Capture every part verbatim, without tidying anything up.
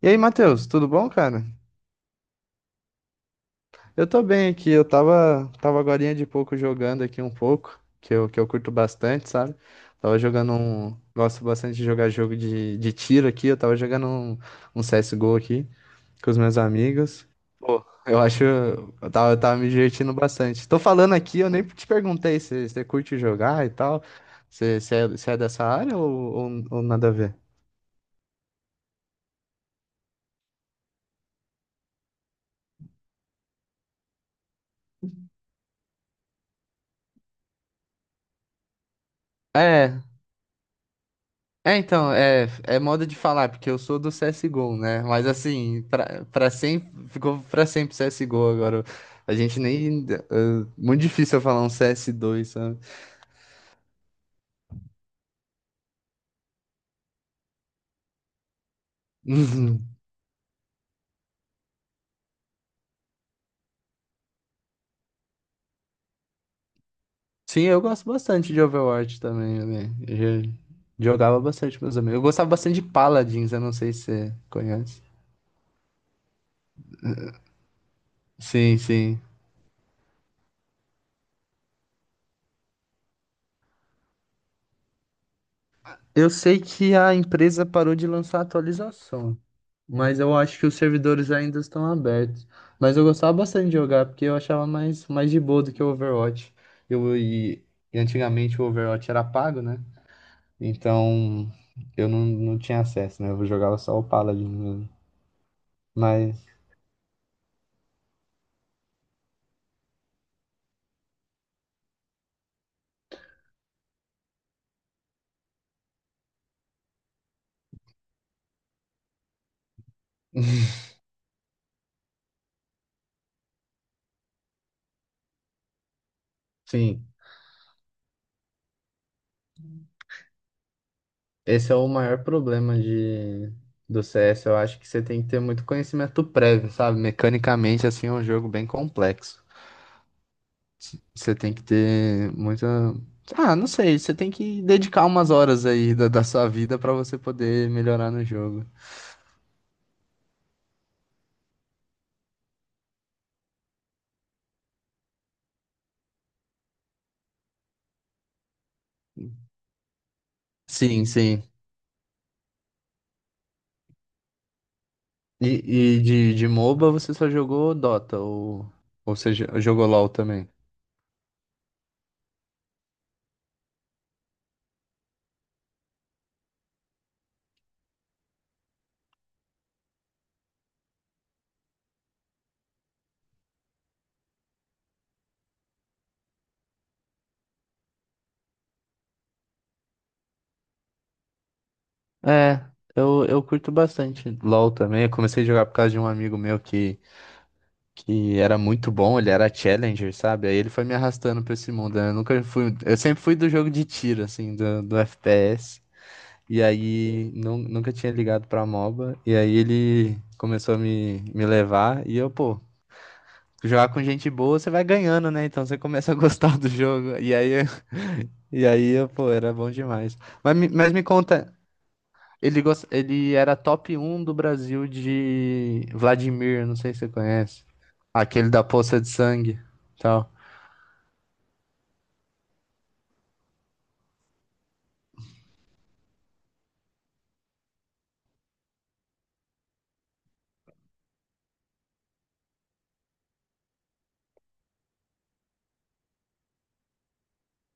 E aí, Matheus, tudo bom, cara? Eu tô bem aqui, eu tava, tava agorinha de pouco jogando aqui um pouco, que eu, que eu curto bastante, sabe? Tava jogando um. Gosto bastante de jogar jogo de, de tiro aqui, eu tava jogando um, um C S G O aqui com os meus amigos. Pô, eu acho. Eu tava, eu tava me divertindo bastante. Tô falando aqui, eu nem te perguntei se você curte jogar e tal. Você você é, você é dessa área ou, ou, ou nada a ver? É, É, então, é, é moda de falar, porque eu sou do C S G O, né? Mas assim, pra, pra sempre, ficou pra sempre C S G O agora. A gente nem. É, Muito difícil eu falar um C S dois, sabe? Uhum. Sim, eu gosto bastante de Overwatch também, né? Eu já jogava bastante com meus amigos. Eu gostava bastante de Paladins, eu não sei se você conhece. Sim, sim. Eu sei que a empresa parou de lançar atualização. Mas eu acho que os servidores ainda estão abertos. Mas eu gostava bastante de jogar, porque eu achava mais, mais de boa do que o Overwatch. Eu, e, e antigamente o Overwatch era pago, né? Então eu não, não tinha acesso, né? Eu jogava só o Paladin mesmo. Mas, sim, esse é o maior problema de, do C S. Eu acho que você tem que ter muito conhecimento prévio, sabe? Mecanicamente, assim, é um jogo bem complexo. Você tem que ter muita. Ah, não sei, você tem que dedicar umas horas aí da, da sua vida pra você poder melhorar no jogo. Sim, sim. E, e de, de MOBA você só jogou Dota, ou, ou você jo- jogou LoL também? É, eu, eu curto bastante LoL também. Eu comecei a jogar por causa de um amigo meu que, que era muito bom, ele era Challenger, sabe? Aí ele foi me arrastando pra esse mundo, né? Eu nunca fui. Eu sempre fui do jogo de tiro, assim, do, do F P S. E aí nu- nunca tinha ligado pra MOBA. E aí ele começou a me, me levar. E eu, pô, jogar com gente boa você vai ganhando, né? Então você começa a gostar do jogo. E aí, e aí eu, pô, era bom demais. Mas, me- mas me conta, ele, gost... ele era top um do Brasil de Vladimir, não sei se você conhece. Aquele da poça de sangue, tal.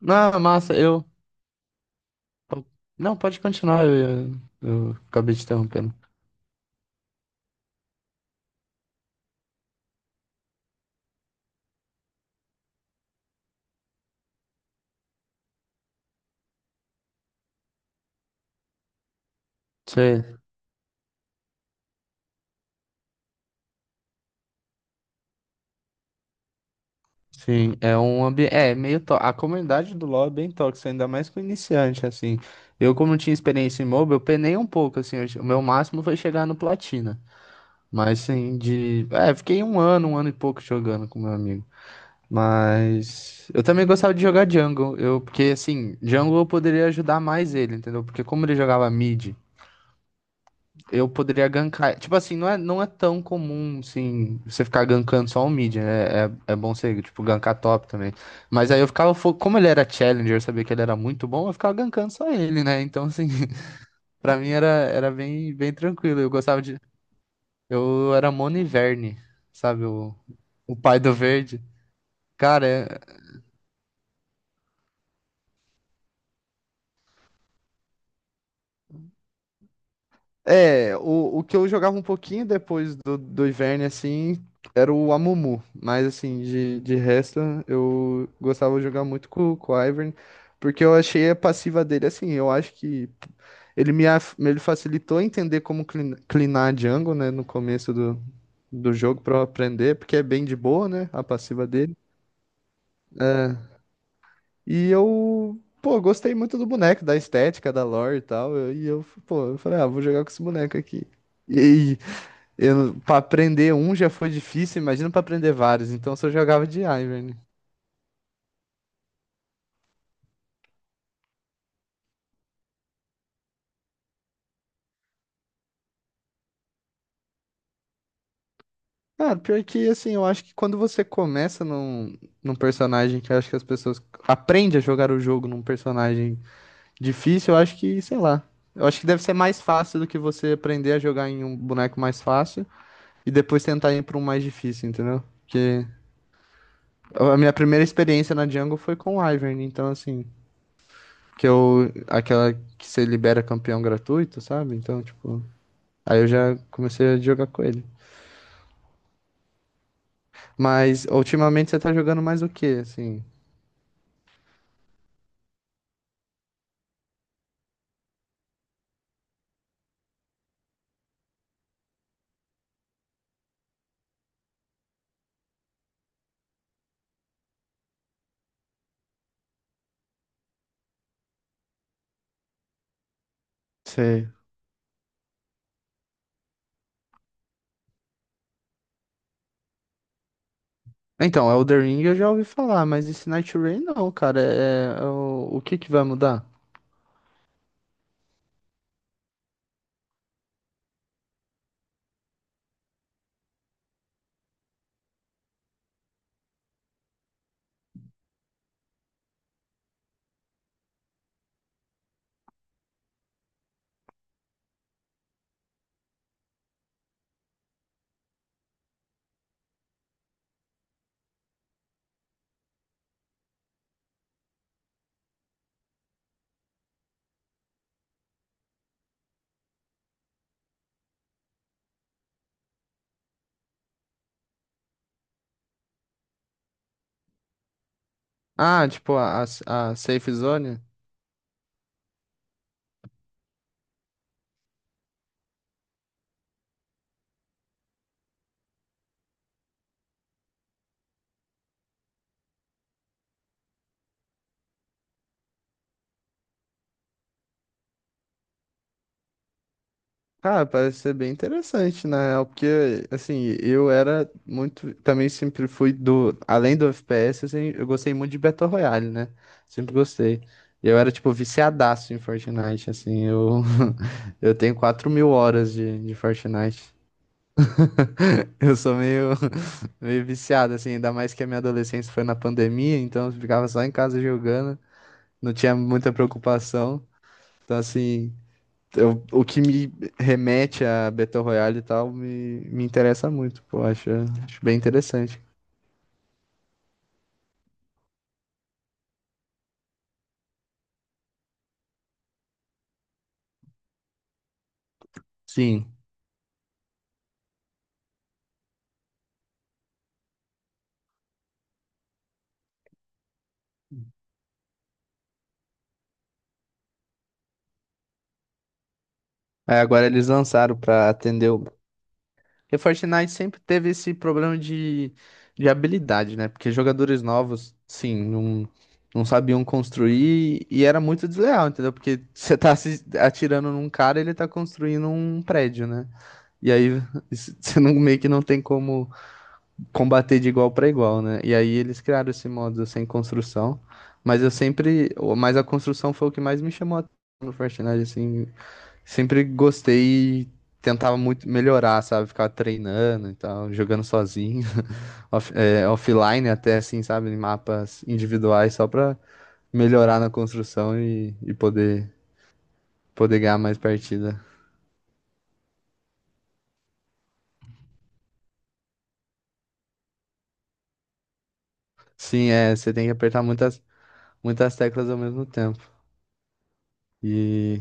Não, massa, eu. Não, pode continuar, eu, eu, eu acabei te interrompendo. Você Sim, é um ambiente. É meio tó- A comunidade do LoL é bem tóxica, ainda mais com iniciante, assim. Eu, como não tinha experiência em MOBA, eu penei um pouco, assim. eu che- O meu máximo foi chegar no Platina. Mas, assim, de. É, fiquei um ano, um ano e pouco jogando com meu amigo. Mas. Eu também gostava de jogar jungle. Eu, porque, assim, jungle eu poderia ajudar mais ele, entendeu? Porque, como ele jogava mid, eu poderia gankar. Tipo assim, não é, não é tão comum, assim, você ficar gankando só um mid, né? É, é bom você, tipo, gankar top também. Mas aí eu ficava, fo- Como ele era challenger, eu sabia que ele era muito bom, eu ficava gankando só ele, né? Então, assim, pra mim era, era bem, bem tranquilo. Eu gostava de. Eu era Mono e Verne, sabe? O, o pai do verde. Cara, é, É, o, o que eu jogava um pouquinho depois do, do Ivern, assim, era o Amumu. Mas, assim, de, de resto, eu gostava de jogar muito com, com o Ivern, porque eu achei a passiva dele, assim, eu acho que ele me, af- ele facilitou entender como clin- clinar a jungle, né, no começo do, do jogo, pra eu aprender, porque é bem de boa, né, a passiva dele. É, e eu, pô, gostei muito do boneco, da estética, da lore e tal, eu- e eu, pô, eu falei, ah, vou jogar com esse boneco aqui. Eu, pra aprender um já foi difícil, imagina pra aprender vários. Então eu só jogava de Ivern. Ah, pior que assim, eu acho que quando você começa num, num personagem que eu acho que as pessoas aprendem a jogar o jogo num personagem difícil, eu acho que, sei lá. Eu acho que deve ser mais fácil do que você aprender a jogar em um boneco mais fácil e depois tentar ir pra um mais difícil, entendeu? Porque a minha primeira experiência na jungle foi com o Ivern, então assim, que eu aquela que você libera campeão gratuito, sabe? Então, tipo, aí eu já comecei a jogar com ele. Mas ultimamente você tá jogando mais o quê, assim? Você... Então, Elden Ring eu já ouvi falar, mas esse Night Rain não, cara. É, é o, o que que vai mudar? Ah, tipo, a, a a safe zone? Cara, parece ser bem interessante, na real, porque, assim, eu era muito. Também sempre fui do. Além do F P S, assim, eu gostei muito de Battle Royale, né? Sempre gostei. Eu era, tipo, viciadaço em Fortnite, assim. Eu, eu tenho quatro mil horas de, de Fortnite. Eu sou meio, meio viciado, assim, ainda mais que a minha adolescência foi na pandemia, então eu ficava só em casa jogando, não tinha muita preocupação. Então, assim eu- o que me remete a Battle Royale e tal me, me interessa muito, pô, acho, acho bem interessante. Sim. Aí agora eles lançaram pra atender o. Porque Fortnite sempre teve esse problema de, de habilidade, né? Porque jogadores novos, sim, não, não sabiam construir e era muito desleal, entendeu? Porque você tá se atirando num cara, ele tá construindo um prédio, né? E aí você não, meio que não tem como combater de igual para igual, né? E aí eles criaram esse modo sem construção, mas eu sempre, mas a construção foi o que mais me chamou a atenção no Fortnite, assim, sempre gostei e tentava muito melhorar, sabe? Ficava treinando e tal, jogando sozinho, off- é, offline até, assim, sabe? Em mapas individuais só pra melhorar na construção e, e poder, poder ganhar mais partida. Sim, é, você tem que apertar muitas, muitas teclas ao mesmo tempo. E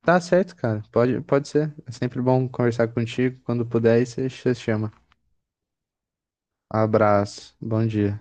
Tá certo, cara. Pode, pode ser. É sempre bom conversar contigo. Quando puder, aí você você chama. Abraço. Bom dia.